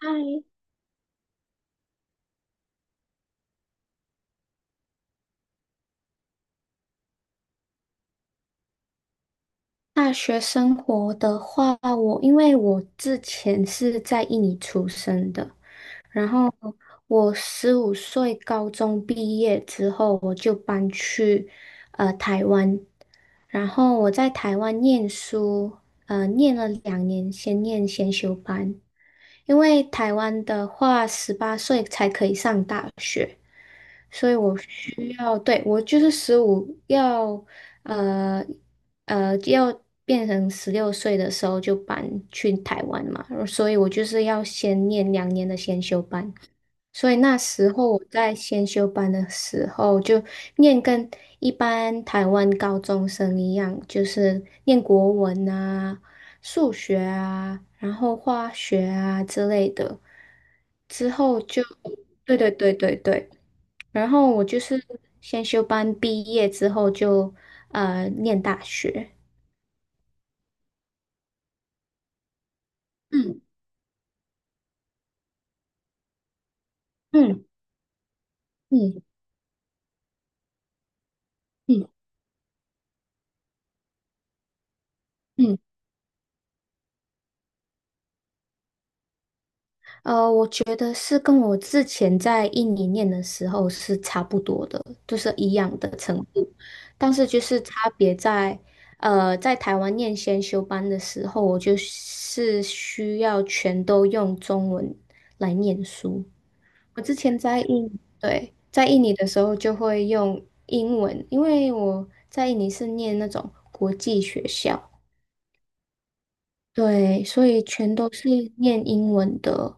嗨，大学生活的话，我因为我之前是在印尼出生的，然后我15岁高中毕业之后，我就搬去台湾，然后我在台湾念书，念了两年，先念先修班，因为台湾的话，18岁才可以上大学。所以我需要，对，我就是十五要，呃要变成16岁的时候就搬去台湾嘛，所以我就是要先念两年的先修班。所以那时候我在先修班的时候，就念跟一般台湾高中生一样，就是念国文啊、数学啊，然后化学啊之类的。之后就，对对对对对，然后我就是先修班毕业之后就念大学。嗯嗯嗯嗯嗯，我觉得是跟我之前在印尼念的时候是差不多的，就是一样的程度，但是就是差别在，在台湾念先修班的时候，我就是需要全都用中文来念书。我之前在印，对，在印尼的时候就会用英文，因为我在印尼是念那种国际学校，对，所以全都是念英文的。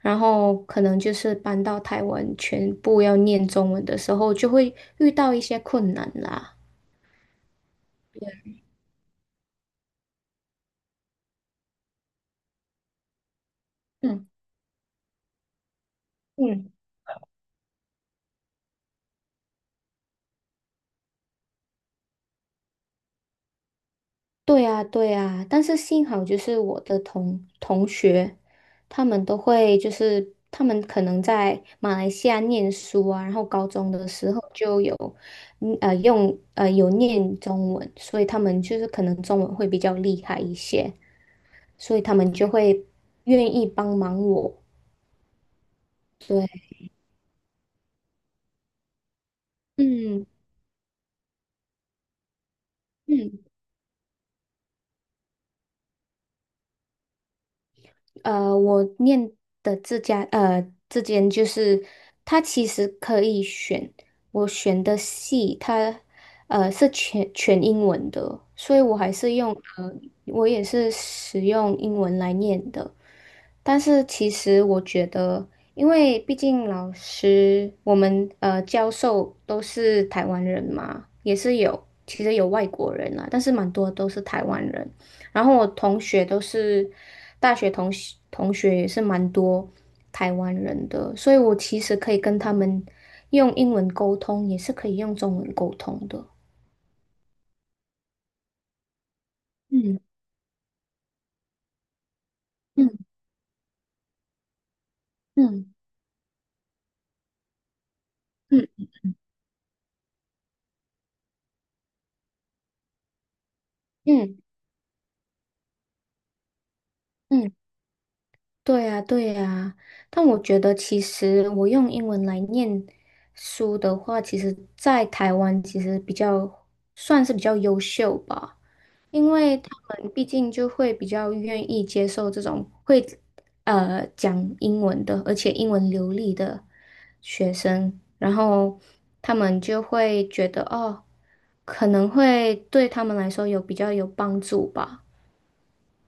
然后可能就是搬到台湾，全部要念中文的时候，就会遇到一些困难啦。嗯。嗯。对啊，对啊，但是幸好就是我的同学，他们都会就是他们可能在马来西亚念书啊，然后高中的时候就有，有念中文，所以他们就是可能中文会比较厉害一些，所以他们就会愿意帮忙我。对，嗯嗯。我念的这间就是它其实可以选，我选的系，它是全英文的，所以我也是使用英文来念的。但是其实我觉得，因为毕竟老师，我们教授都是台湾人嘛，也是有其实有外国人啦，但是蛮多都是台湾人。然后我同学都是大学同学也是蛮多台湾人的，所以我其实可以跟他们用英文沟通，也是可以用中文沟通的。嗯嗯嗯嗯嗯嗯。嗯对呀，对呀，但我觉得其实我用英文来念书的话，其实在台湾其实比较算是比较优秀吧，因为他们毕竟就会比较愿意接受这种会讲英文的，而且英文流利的学生，然后他们就会觉得哦，可能会对他们来说有比较有帮助吧，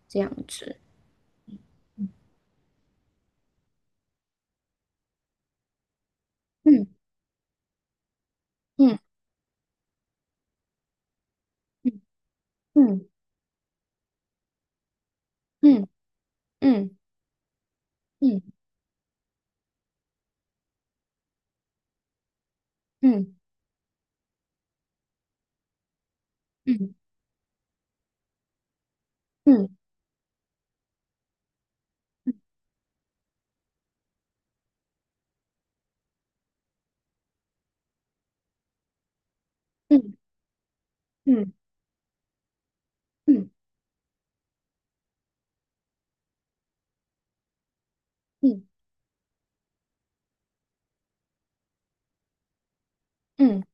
这样子。嗯嗯嗯嗯嗯。嗯嗯嗯嗯嗯嗯嗯嗯嗯嗯嗯嗯嗯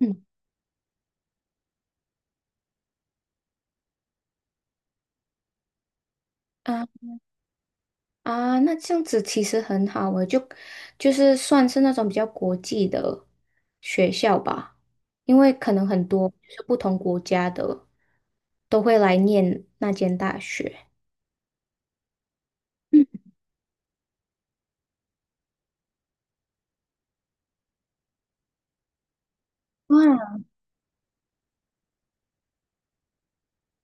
嗯啊那这样子其实很好诶，就是算是那种比较国际的学校吧，因为可能很多就是不同国家的都会来念那间大学。哇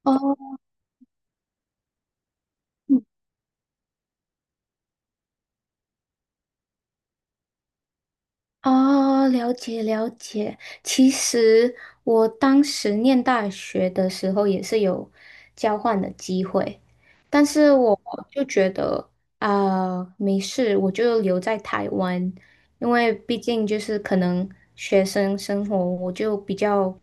哦，哦，了解了解。其实我当时念大学的时候也是有交换的机会，但是我就觉得啊、没事，我就留在台湾，因为毕竟就是可能学生生活，我就比较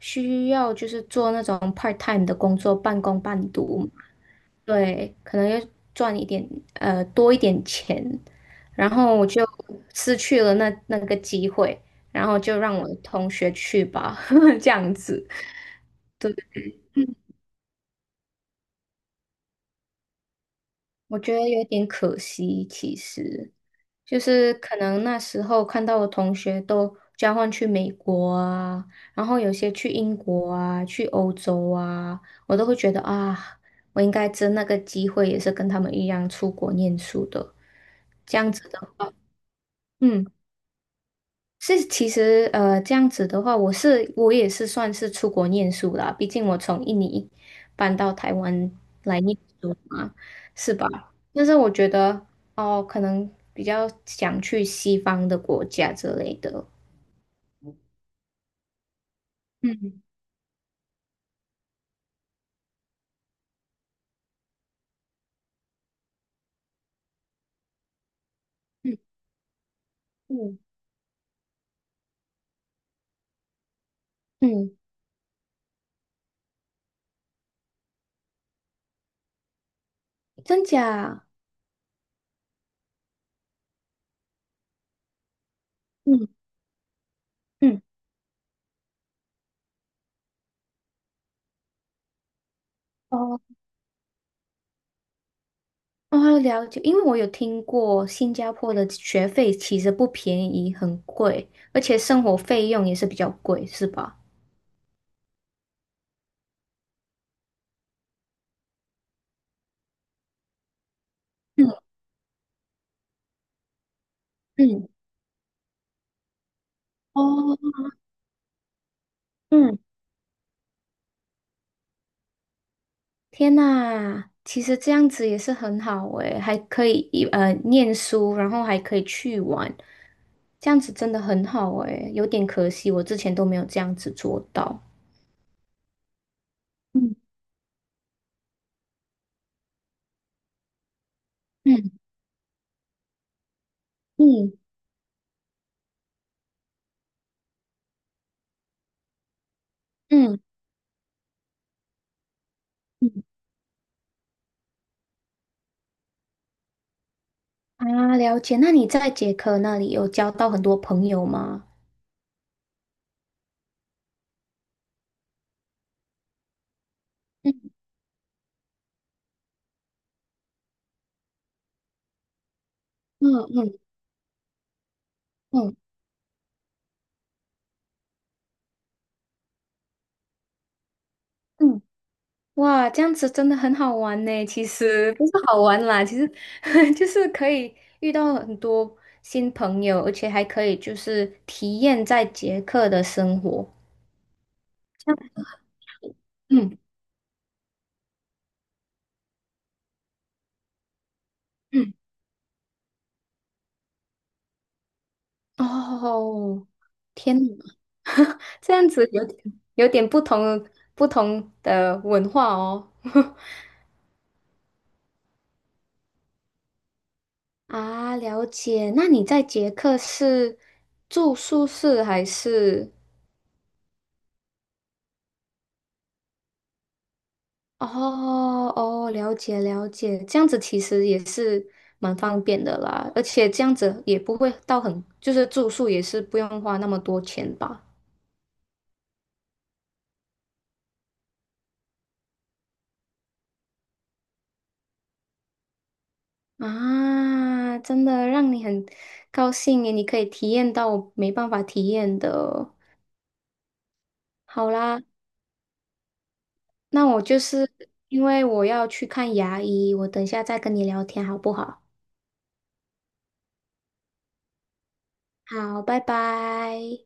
需要就是做那种 part time 的工作，半工半读。对，可能要赚多一点钱，然后我就失去了那个机会，然后就让我的同学去吧，这样子，我觉得有点可惜。其实，就是可能那时候看到我同学都交换去美国啊，然后有些去英国啊，去欧洲啊，我都会觉得啊，我应该争那个机会，也是跟他们一样出国念书的，这样子的话，嗯。是，其实这样子的话，我也是算是出国念书啦，毕竟我从印尼搬到台湾来念书嘛，是吧？但是我觉得哦，可能比较想去西方的国家之类的。嗯嗯嗯嗯，真假？嗯嗯哦哦，了解。因为我有听过新加坡的学费其实不便宜，很贵，而且生活费用也是比较贵，是吧？嗯嗯。哦，嗯，天呐，其实这样子也是很好诶，还可以念书，然后还可以去玩，这样子真的很好诶，有点可惜，我之前都没有这样子做到。嗯嗯嗯嗯嗯，啊，了解。那你在捷克那里有交到很多朋友吗？嗯嗯嗯嗯嗯。哇，这样子真的很好玩呢。其实不是好玩啦，其实 就是可以遇到很多新朋友，而且还可以就是体验在捷克的生活。嗯嗯，哦，天哪，这样子有点不同的文化哦。啊，了解。那你在捷克是住宿舍还是？哦哦，了解了解，这样子其实也是蛮方便的啦，而且这样子也不会到很，就是住宿也是不用花那么多钱吧。啊，真的让你很高兴耶，你可以体验到我没办法体验的。好啦，那我就是因为我要去看牙医，我等一下再跟你聊天好不好？好，拜拜。